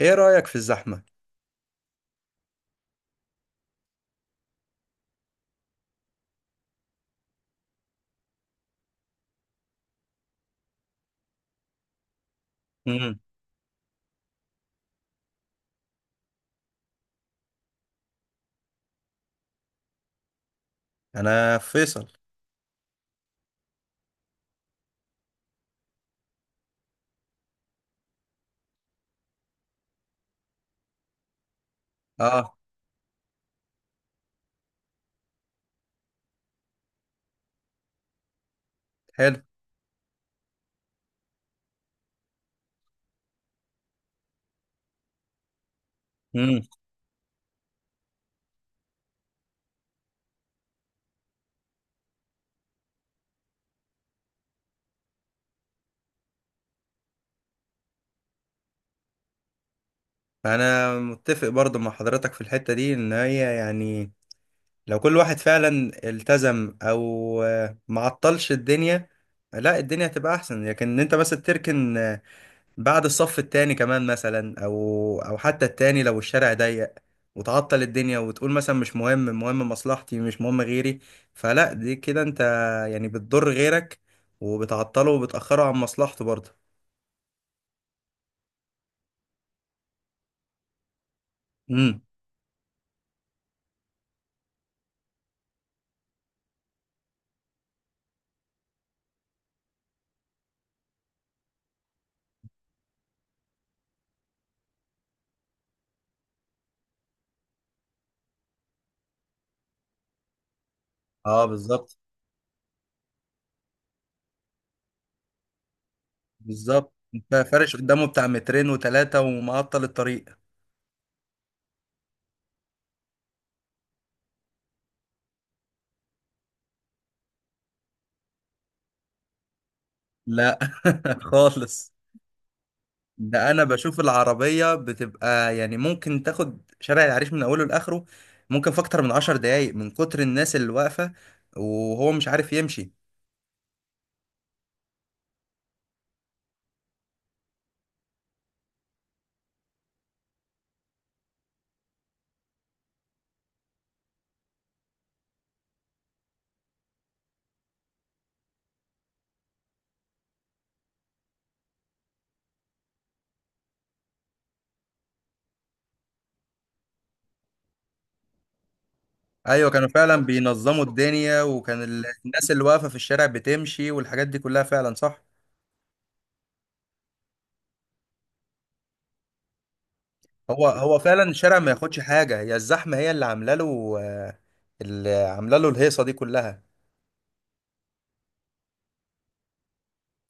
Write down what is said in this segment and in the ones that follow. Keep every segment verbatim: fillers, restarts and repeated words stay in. ايه رأيك في الزحمة؟ امم. انا فيصل. اه. حلو. امم. انا متفق برضو مع حضرتك في الحتة دي ان هي يعني لو كل واحد فعلا التزم او آه، معطلش الدنيا، لا، الدنيا هتبقى احسن، لكن إن انت مثلا تركن آه، بعد الصف التاني كمان مثلا او او حتى التاني لو الشارع ضيق وتعطل الدنيا وتقول مثلا مش مهم، مهم مصلحتي، مش مهم غيري، فلا دي كده انت يعني بتضر غيرك وبتعطله وبتأخره عن مصلحته برضه. امم. اه، بالظبط. بالظبط، انت فرش قدامه بتاع مترين وتلاتة ومعطل الطريق. لا. خالص. ده انا بشوف العربية بتبقى يعني ممكن تاخد شارع العريش من اوله لاخره، ممكن في اكتر من عشر دقايق من كتر الناس اللي واقفة وهو مش عارف يمشي. ايوه، كانوا فعلا بينظموا الدنيا وكان ال- الناس اللي واقفة في الشارع بتمشي والحاجات دي كلها فعلا صح. هو هو فعلا الشارع ما ياخدش حاجة، هي الزحمة هي اللي عاملة له آه، اللي عاملة له الهيصة دي كلها.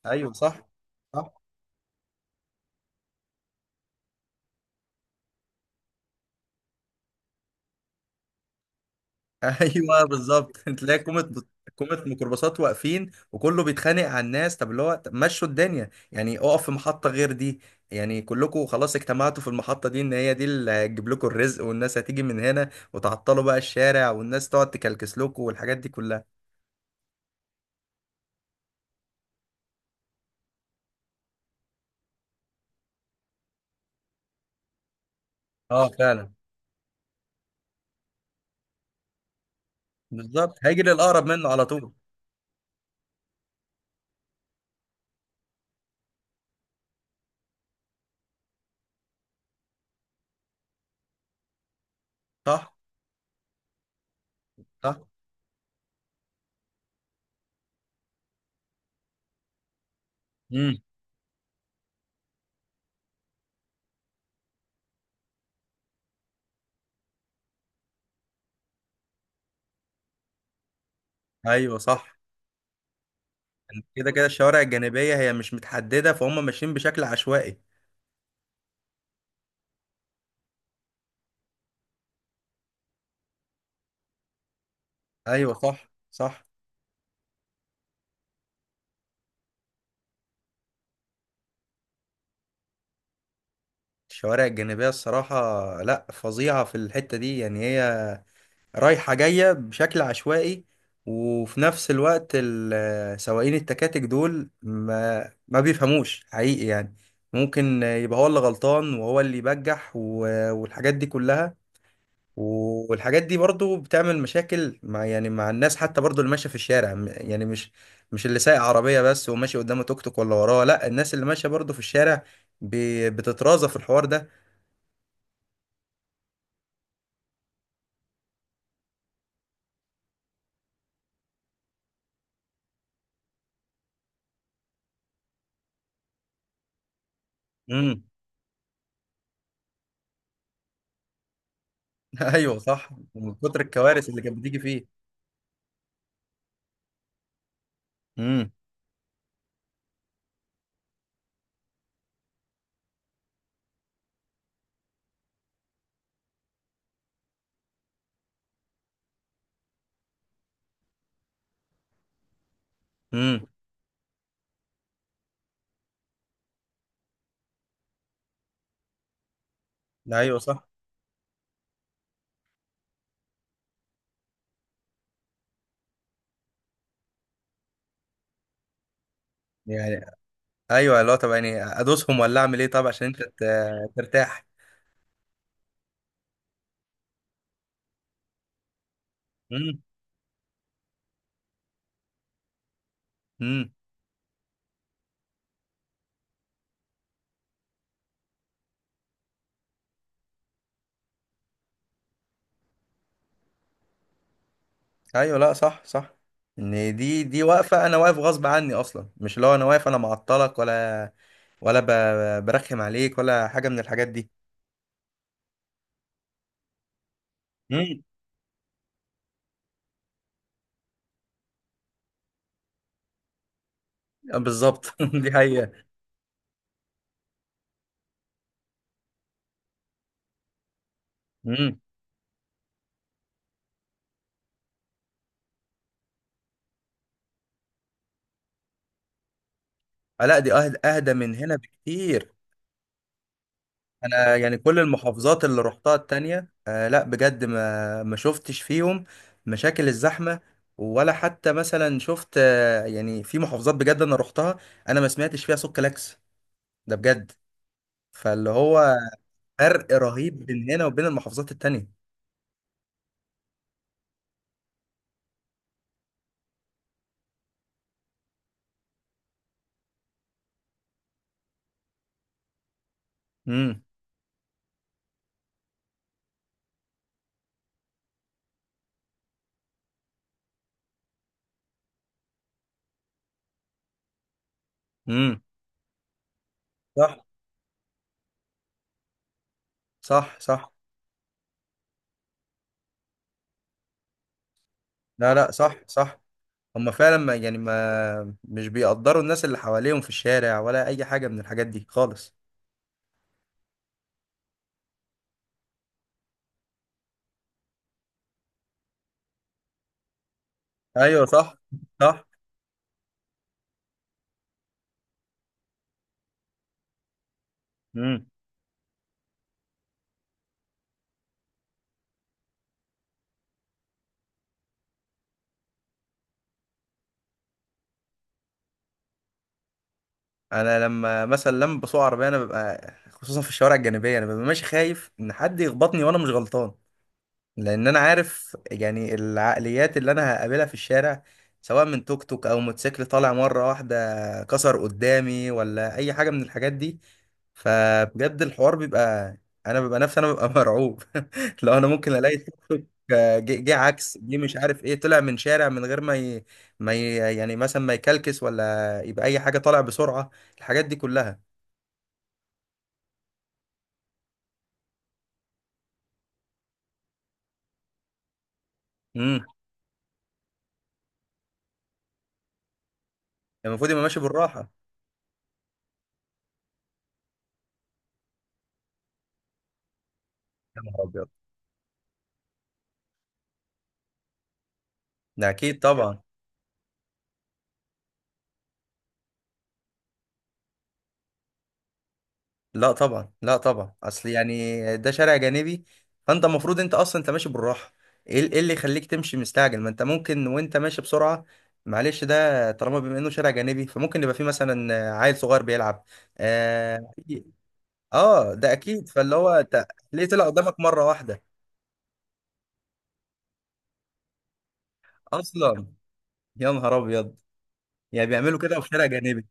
ايوه صح صح. ايوه بالظبط. تلاقي كومة، كومة ميكروباصات واقفين وكله بيتخانق على الناس، طب اللي هو طب مشوا الدنيا، يعني اقف في محطة غير دي، يعني كلكم خلاص اجتمعتوا في المحطة دي ان هي دي اللي هتجيب لكم الرزق والناس هتيجي من هنا وتعطلوا بقى الشارع والناس تقعد تكلكس لكم والحاجات دي كلها. اه، فعلا. بالظبط، هيجي للأقرب منه على طول. صح. صح. امم. ايوه صح. كده كده الشوارع الجانبية هي مش متحددة فهم ماشيين بشكل عشوائي. ايوه صح صح. الشوارع الجانبية، الصراحة، لا، فظيعة في الحتة دي، يعني هي رايحة جاية بشكل عشوائي، وفي نفس الوقت ال- سواقين التكاتك دول ما ما بيفهموش حقيقي، يعني ممكن يبقى هو اللي غلطان وهو اللي يبجح و- والحاجات دي كلها. والحاجات دي برضو بتعمل مشاكل مع يعني مع الناس، حتى برضو اللي ماشية في الشارع، م- يعني مش، مش اللي سايق عربية بس وماشي قدامه توك توك ولا وراه، لا، الناس اللي ماشية برضو في الشارع ب- بتترازف في الحوار ده. امم. ايوه صح. من كتر الكوارث اللي كانت بتيجي فيه. امم. امم. ده ايوه صح. يعني ايوه اللي هو، طب يعني ادوسهم ولا اعمل ايه، طب عشان انت ت- ترتاح. امم. امم. ايوه، لا صح صح. ان دي دي واقفه، انا واقف غصب عني اصلا، مش اللي هو انا واقف انا معطلك، ولا ولا ب- برخم عليك، ولا حاجه من الحاجات دي. امم. بالظبط. دي حقيقه. امم. لا، دي اهدى اهدى من هنا بكتير. انا يعني كل المحافظات اللي رحتها التانية، آه لا بجد، ما ما شفتش فيهم مشاكل الزحمة، ولا حتى مثلا شفت، آه يعني في محافظات بجد انا رحتها، انا ما سمعتش فيها صوت كلاكس، ده بجد، فاللي هو فرق رهيب بين هنا وبين المحافظات التانية. امم. امم. صح. صح صح. لا لا صح صح. هما فعلا ما يعني ما مش بيقدروا الناس اللي حواليهم في الشارع ولا اي حاجة من الحاجات دي خالص. ايوه صح صح. مم. انا لما مثلا لما بسوق عربيه انا ببقى، خصوصا في الشوارع الجانبيه، انا ببقى ماشي خايف ان حد يخبطني وانا مش غلطان، لان انا عارف يعني العقليات اللي انا هقابلها في الشارع، سواء من توك توك او موتوسيكل طالع مره واحده كسر قدامي ولا اي حاجه من الحاجات دي، فبجد الحوار بيبقى، انا ببقى نفسي، انا ببقى مرعوب. لو انا ممكن الاقي توك توك، آه، جه جه عكس، جه مش عارف ايه، طلع من شارع من غير ما ي... ما ي... يعني مثلا ما يكلكس ولا يبقى اي حاجه، طالع بسرعه، الحاجات دي كلها. امم. المفروض يبقى ماشي بالراحه. يا نهار ابيض. ده اكيد طبعا. لا طبعا لا طبعا، اصل يعني ده شارع جانبي، فانت المفروض انت اصلا انت ماشي بالراحه. ايه ال- إيه اللي يخليك تمشي مستعجل، ما انت ممكن وانت ماشي بسرعه، معلش، ده طالما بما انه شارع جانبي فممكن يبقى فيه مثلا عيل صغير بيلعب. اه. آه، ده اكيد، فاللي هو انت ليه طلع قدامك مره واحده اصلا. يا نهار ابيض. يعني بيعملوا كده في شارع جانبي.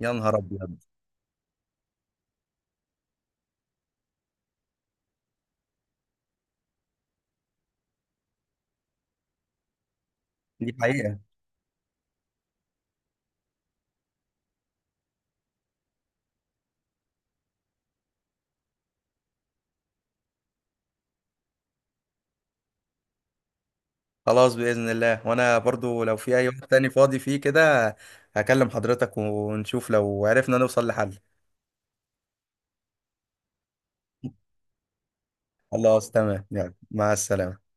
يا نهار ابيض. دي حقيقه. خلاص، بإذن الله، وأنا برضو لو في أي وقت تاني فاضي فيه كده هكلم حضرتك ونشوف لو عرفنا نوصل لحل. خلاص تمام، يلا، مع السلامة.